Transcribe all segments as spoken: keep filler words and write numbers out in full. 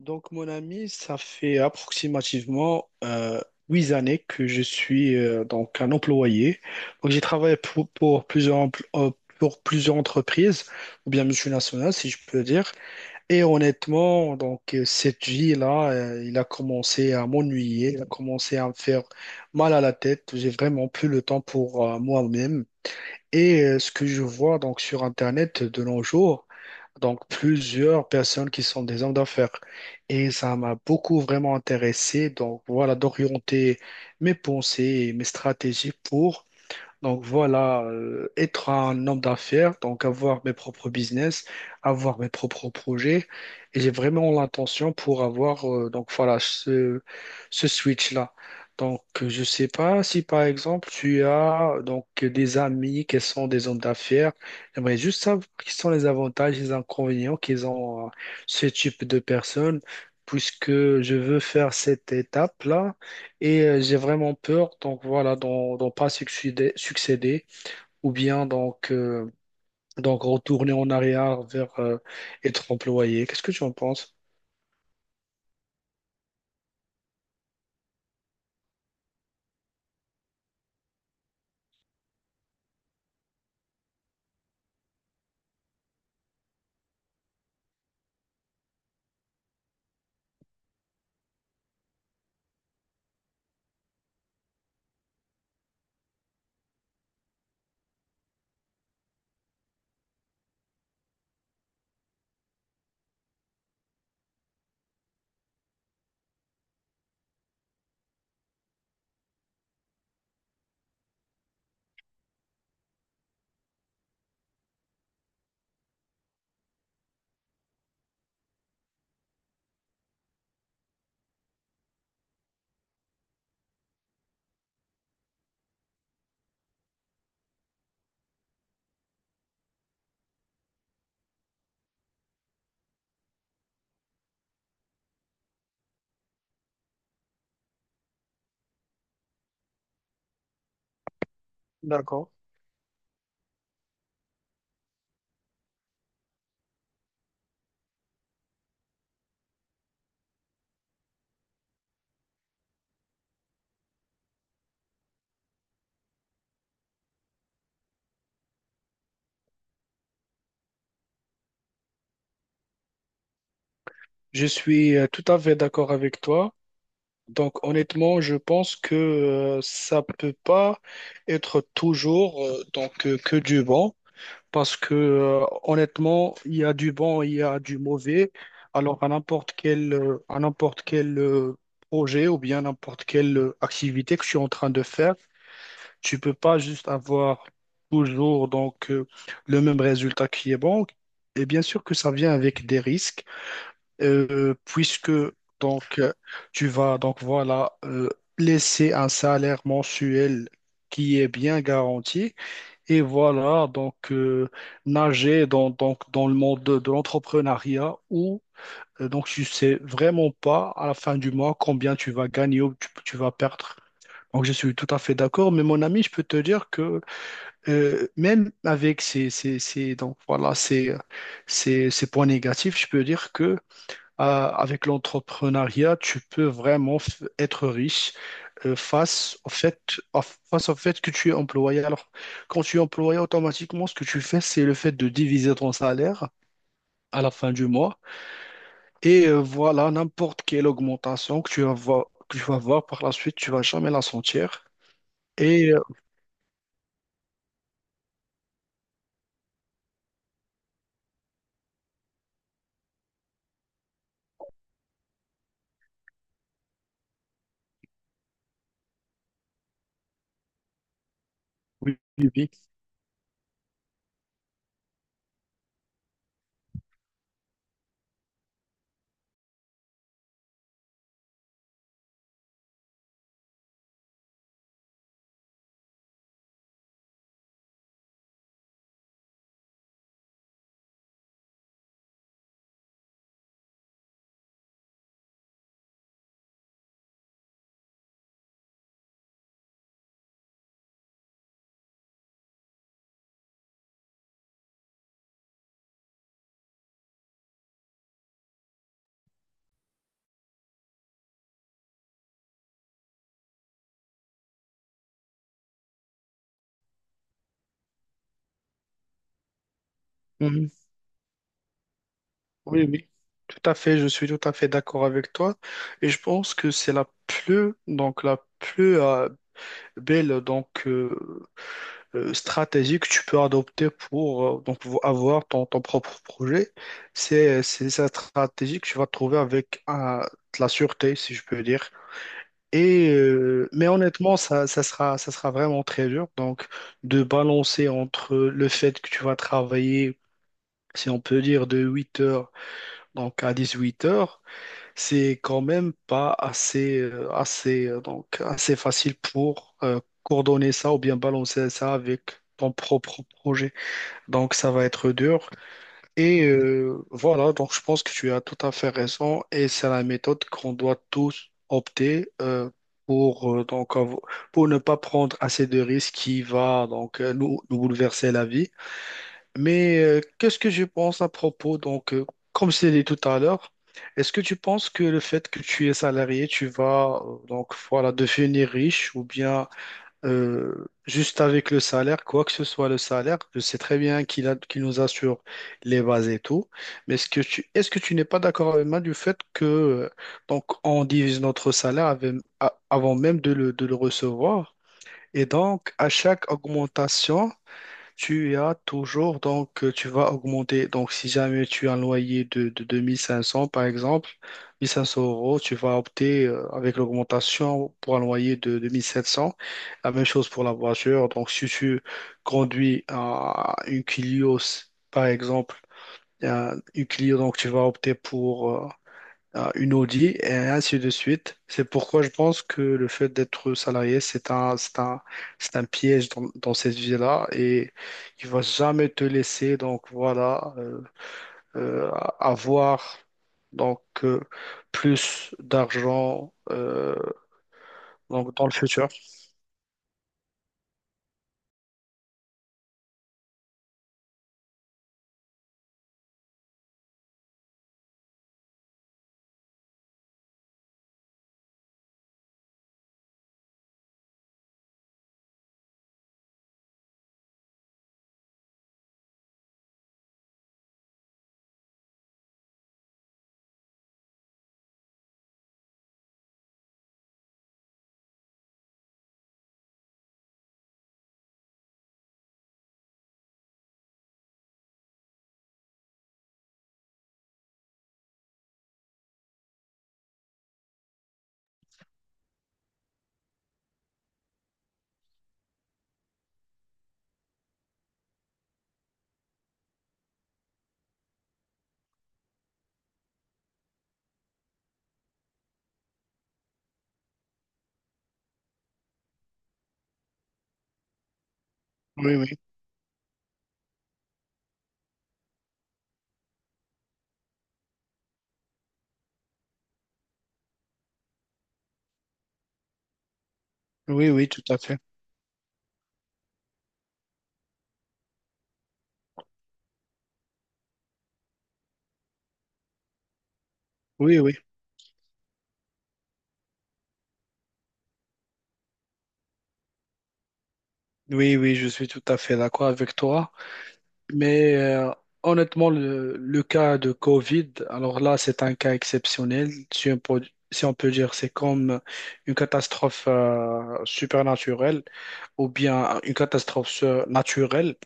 Donc, mon ami, ça fait approximativement euh, huit années que je suis euh, donc un employé. Donc, j'ai travaillé pour, pour plusieurs, empl- euh, pour plusieurs entreprises, ou bien multinationales, si je peux dire. Et honnêtement, donc, euh, cette vie-là, euh, il a commencé à m'ennuyer, il a commencé à me faire mal à la tête. J'ai vraiment plus le temps pour euh, moi-même. Et euh, ce que je vois donc sur Internet de nos jours, donc, plusieurs personnes qui sont des hommes d'affaires. Et ça m'a beaucoup vraiment intéressé. Donc, voilà, d'orienter mes pensées et mes stratégies pour donc voilà, euh, être un homme d'affaires, donc avoir mes propres business, avoir mes propres projets. Et j'ai vraiment l'intention pour avoir euh, donc voilà ce, ce switch-là. Donc euh, je sais pas si par exemple tu as donc des amis qui sont des hommes d'affaires. J'aimerais juste savoir quels sont les avantages et les inconvénients qu'ils ont euh, ce type de personnes, puisque je veux faire cette étape-là et euh, j'ai vraiment peur, donc voilà, d'en d'en pas succéder, succéder ou bien donc, euh, donc retourner en arrière vers euh, être employé. Qu'est-ce que tu en penses? D'accord. Je suis euh, tout à fait d'accord avec toi. Donc honnêtement, je pense que euh, ça peut pas être toujours euh, donc euh, que du bon. Parce que euh, honnêtement, il y a du bon, il y a du mauvais. Alors à n'importe quel, euh, à n'importe quel euh, projet ou bien n'importe quelle euh, activité que je suis en train de faire, tu peux pas juste avoir toujours donc euh, le même résultat qui est bon. Et bien sûr que ça vient avec des risques, euh, puisque donc euh, tu vas donc voilà euh, laisser un salaire mensuel qui est bien garanti et voilà, donc euh, nager dans, donc, dans le monde de, de l'entrepreneuriat où euh, donc tu sais vraiment pas à la fin du mois combien tu vas gagner ou tu, tu vas perdre. Donc je suis tout à fait d'accord, mais mon ami, je peux te dire que euh, même avec ces, ces, ces- donc, voilà, ces, ces, ces points négatifs, je peux dire que euh, avec l'entrepreneuriat, tu peux vraiment f- être riche euh, face au fait, à- face au fait que tu es employé. Alors, quand tu es employé, automatiquement, ce que tu fais, c'est le fait de diviser ton salaire à la fin du mois. Et euh, voilà, n'importe quelle augmentation que tu vas voir, que tu vas voir par la suite, tu vas jamais la sentir. Et euh, oui, oui, oui. Mhm. Oui, oui. Tout à fait, je suis tout à fait d'accord avec toi. Et je pense que c'est la plus, donc la plus euh, belle donc, euh, euh, stratégie que tu peux adopter pour euh, donc vo- avoir ton, ton propre projet. C'est c'est sa stratégie que tu vas trouver avec euh, de la sûreté, si je peux dire. Et euh, mais honnêtement, ça, ça sera ça sera vraiment très dur. Donc de balancer entre le fait que tu vas travailler, si on peut dire, de huit heures donc à dix huit heures, c'est quand même pas assez euh, assez euh, donc assez facile pour euh, coordonner ça ou bien balancer ça avec ton propre projet. Donc ça va être dur. Et euh, voilà, donc je pense que tu as tout à fait raison et c'est la méthode qu'on doit tous opter euh, pour, euh, donc, av- pour ne pas prendre assez de risques qui va donc euh, nous, nous bouleverser la vie. Mais euh, qu'est-ce que je pense à propos, donc euh, comme je l'ai dit tout à l'heure, est-ce que tu penses que le fait que tu es salarié, tu vas euh, donc voilà devenir riche ou bien euh, juste avec le salaire, quoi que ce soit le salaire, je sais très bien qu'il a, qu'il nous assure les bases et tout, mais est-ce que tu, est-ce que tu n'es pas d'accord avec moi du fait que euh, donc on divise notre salaire avec- a- avant même de le, de le recevoir, et donc à chaque augmentation, tu as toujours, donc euh, tu vas augmenter. Donc, si jamais tu as un loyer de, de deux mille cinq cents, par exemple, mille cinq cents euros, tu vas opter euh, avec l'augmentation pour un loyer de deux mille sept cents. La même chose pour la voiture. Donc, si tu conduis euh, une Clio, par exemple, euh, une Clio, donc tu vas opter pour euh, à une Audi et ainsi de suite. C'est pourquoi je pense que le fait d'être salarié, c'est un, c'est un, c'est un piège dans, dans cette vie-là et il va jamais te laisser donc voilà euh, euh, avoir donc euh, plus d'argent euh, donc dans le futur. Oui, oui, oui, oui, tout à fait. Oui, oui, oui, oui, je suis tout à fait d'accord avec toi. Mais euh, honnêtement, le, le cas de Covid, alors là, c'est un cas exceptionnel. Si on peut, si on peut dire, c'est comme une catastrophe euh, supernaturelle ou bien une catastrophe sur- naturelle.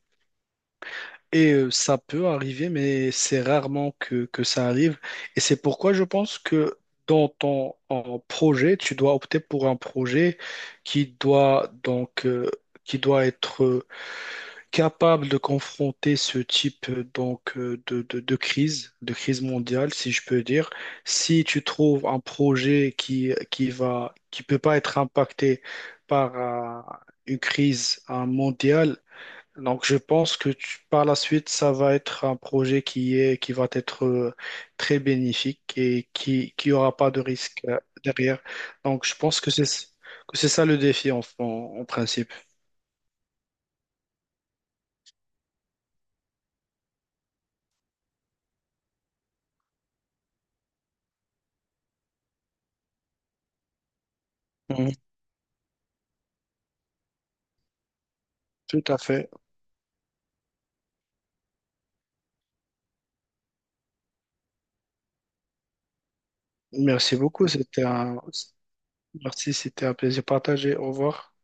Et euh, ça peut arriver, mais c'est rarement que, que ça arrive. Et c'est pourquoi je pense que dans ton en projet, tu dois opter pour un projet qui doit donc euh, qui doit être capable de confronter ce type euh, donc euh, de, de, de crise, de crise mondiale, si je peux dire. Si tu trouves un projet qui qui va qui peut pas être impacté par euh, une crise euh, mondiale, donc je pense que tu- par la suite ça va être un projet qui est qui va être euh, très bénéfique et qui qui aura pas de risque euh, derrière. Donc je pense que c'est que c'est ça le défi en, en, en principe. Mhm. Tout à fait. Merci beaucoup. C'était un... Merci, c'était un plaisir partagé. Au revoir.